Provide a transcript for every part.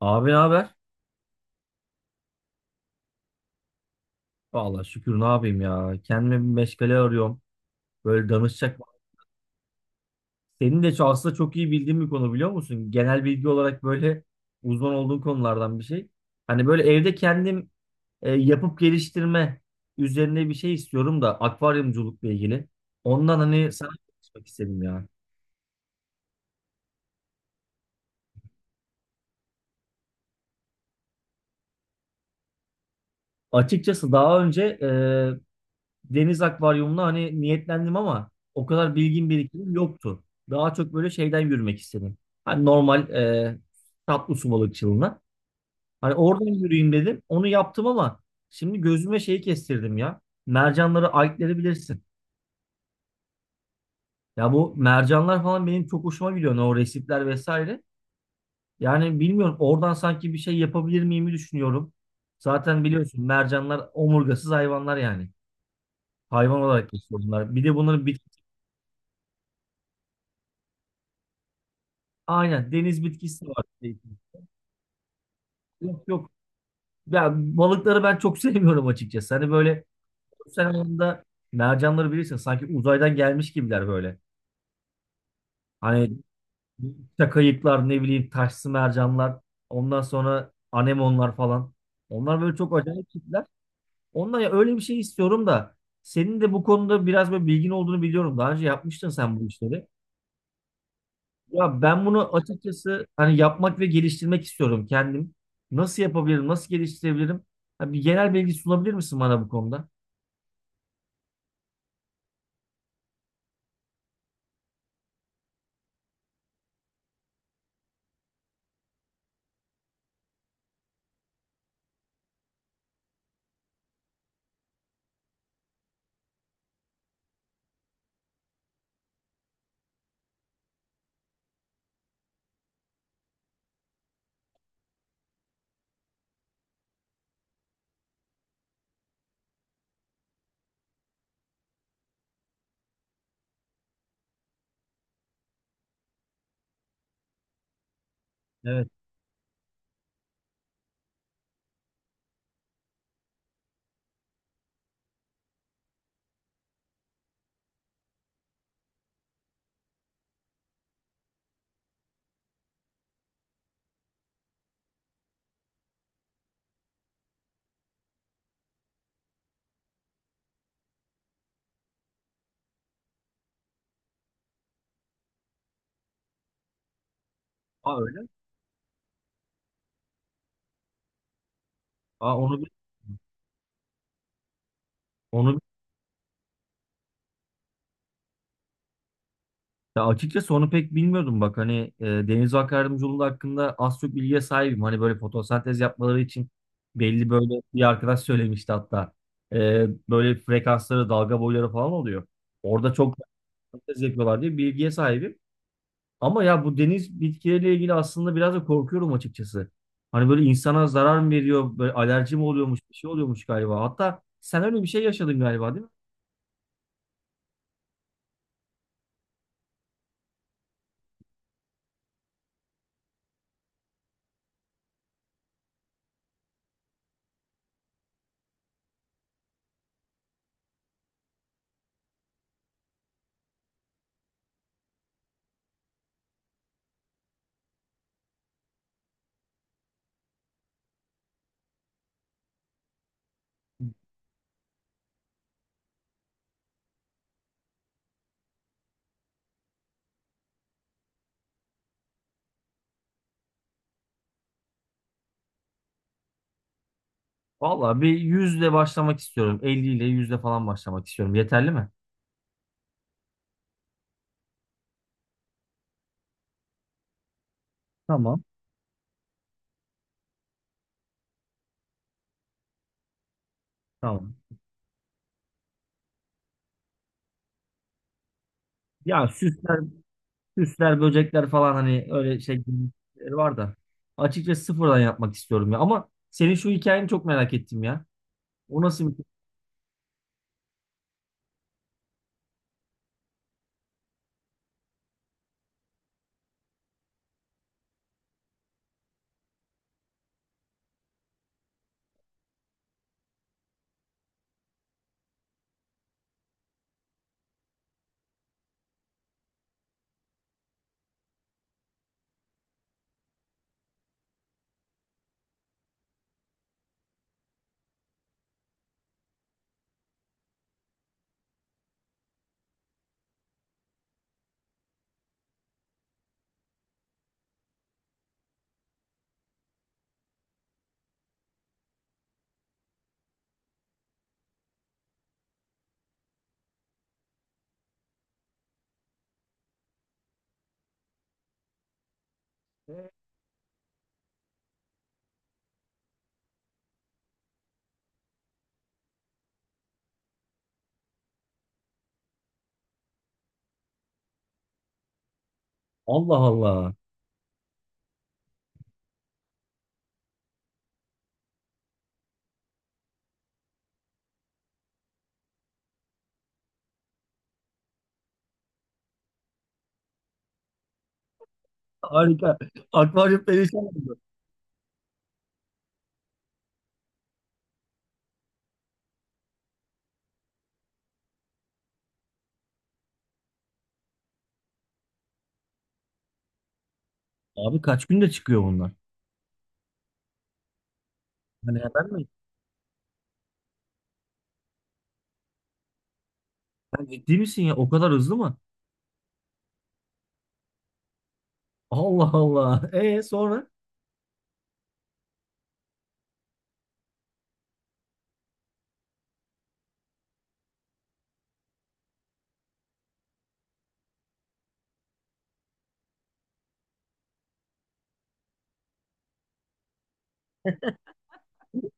Abi ne haber? Vallahi şükür ne yapayım ya. Kendime bir meşgale arıyorum. Böyle danışacak. Aslında çok iyi bildiğin bir konu biliyor musun? Genel bilgi olarak böyle uzman olduğun konulardan bir şey. Hani böyle evde kendim yapıp geliştirme üzerine bir şey istiyorum da akvaryumculukla ilgili. Ondan hani sana konuşmak istedim ya. Açıkçası daha önce deniz akvaryumuna hani niyetlendim ama o kadar bilgim birikimim yoktu. Daha çok böyle şeyden yürümek istedim. Hani normal tatlı su balıkçılığına. Hani oradan yürüyeyim dedim. Onu yaptım ama şimdi gözüme şeyi kestirdim ya. Mercanları, ayıkları bilirsin. Ya bu mercanlar falan benim çok hoşuma gidiyor. Hani o resipler vesaire. Yani bilmiyorum oradan sanki bir şey yapabilir miyimi düşünüyorum. Zaten biliyorsun mercanlar omurgasız hayvanlar yani. Hayvan olarak geçiyor bunlar. Bir de bunların bitki aynen deniz bitkisi var. Yok, yok. Ya balıkları ben çok sevmiyorum açıkçası. Hani böyle sen anında mercanları bilirsin sanki uzaydan gelmiş gibiler böyle. Hani çakayıklar ne bileyim taşsı mercanlar ondan sonra anemonlar falan. Onlar böyle çok acayip tipler. Ondan ya öyle bir şey istiyorum da senin de bu konuda biraz böyle bilgin olduğunu biliyorum. Daha önce yapmıştın sen bu işleri. Ya ben bunu açıkçası hani yapmak ve geliştirmek istiyorum kendim. Nasıl yapabilirim? Nasıl geliştirebilirim? Ha, bir genel bilgi sunabilir misin bana bu konuda? Evet. Aa öyle mi? Aa onu bil- onu bil- Ya açıkçası onu pek bilmiyordum bak hani, deniz yolu hakkında az çok bilgiye sahibim. Hani böyle fotosentez yapmaları için belli böyle bir arkadaş söylemişti hatta. Böyle frekansları, dalga boyları falan oluyor. Orada çok fotosentez yapıyorlar diye bilgiye sahibim. Ama ya bu deniz bitkileriyle ilgili aslında biraz da korkuyorum açıkçası. Hani böyle insana zarar mı veriyor, böyle alerji mi oluyormuş, bir şey oluyormuş galiba. Hatta sen öyle bir şey yaşadın galiba, değil mi? Vallahi bir yüzle başlamak istiyorum. 50 ile yüzle falan başlamak istiyorum. Yeterli mi? Tamam. Tamam. Ya süsler, süsler, böcekler falan hani öyle şey var da. Açıkçası sıfırdan yapmak istiyorum ya. Ama senin şu hikayeni çok merak ettim ya. O nasıl bir... Allah Allah. Harika. Akvaryum perişan oldu. Abi kaç günde çıkıyor bunlar? Hani hemen mi? Sen ciddi misin ya? O kadar hızlı mı? Allah Allah. E sonra?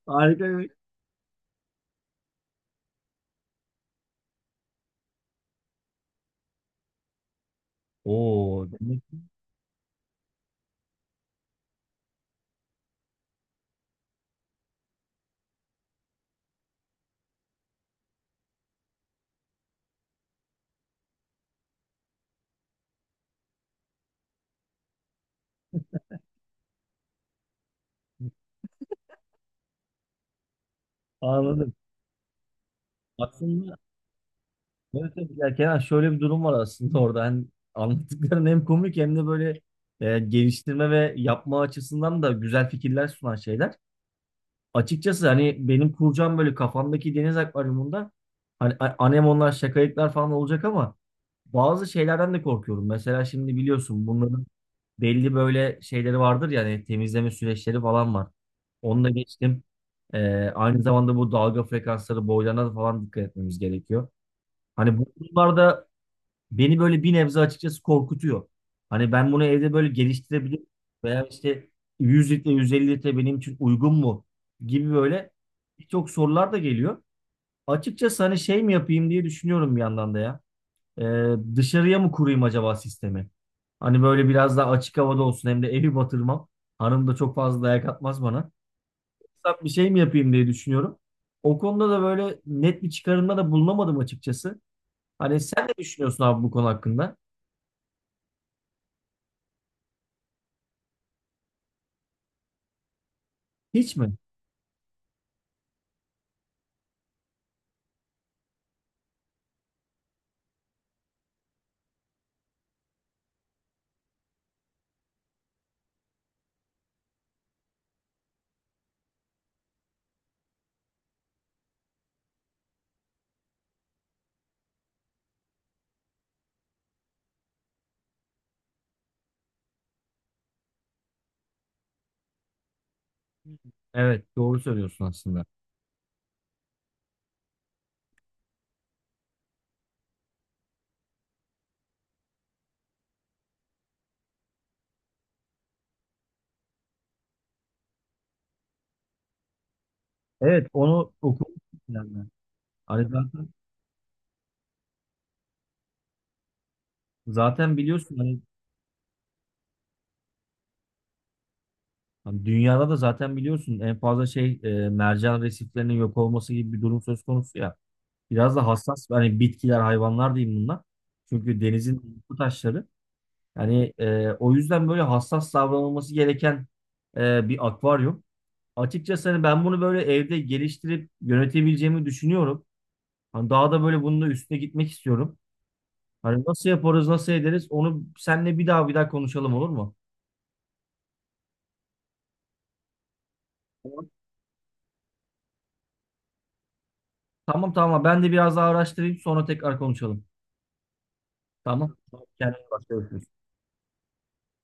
Harika bir... Oo, demek ki anladım. Aslında evet, evet, ya Kenan, şöyle bir durum var aslında orada. Hani anlattıkların hem komik hem de böyle, geliştirme ve yapma açısından da güzel fikirler sunan şeyler. Açıkçası hani benim kuracağım böyle kafamdaki deniz akvaryumunda hani anemonlar, şakayıklar falan olacak ama bazı şeylerden de korkuyorum. Mesela şimdi biliyorsun bunların belli böyle şeyleri vardır ya hani, temizleme süreçleri falan var. Onu da geçtim. Ee, Aynı zamanda bu dalga frekansları boylarına da falan dikkat etmemiz gerekiyor. Hani bu bunlar da beni böyle bir nebze açıkçası korkutuyor. Hani ben bunu evde böyle geliştirebilir veya işte 100 litre 150 litre benim için uygun mu gibi böyle birçok sorular da geliyor. Açıkçası hani şey mi yapayım diye düşünüyorum bir yandan da ya. Dışarıya mı kurayım acaba sistemi? Hani böyle biraz daha açık havada olsun hem de evi batırmam. Hanım da çok fazla dayak atmaz bana. Ufak bir şey mi yapayım diye düşünüyorum. O konuda da böyle net bir çıkarımda da bulunamadım açıkçası. Hani sen ne düşünüyorsun abi bu konu hakkında? Hiç mi? Evet, doğru söylüyorsun aslında. Evet, onu okumuştum yani. Hani zaten, zaten biliyorsun hani, Hani dünyada da zaten biliyorsun en fazla şey, mercan resiflerinin yok olması gibi bir durum söz konusu ya. Biraz da hassas hani bitkiler, hayvanlar diyeyim bunlar. Çünkü denizin bu taşları. Yani o yüzden böyle hassas davranılması gereken bir akvaryum. Açıkçası hani ben bunu böyle evde geliştirip yönetebileceğimi düşünüyorum. Hani daha da böyle bunun da üstüne gitmek istiyorum. Hani nasıl yaparız, nasıl ederiz, onu seninle bir daha konuşalım, olur mu? Tamam, tamam, ben de biraz daha araştırayım sonra tekrar konuşalım. Tamam. Kendine iyi bak, görüşürüz.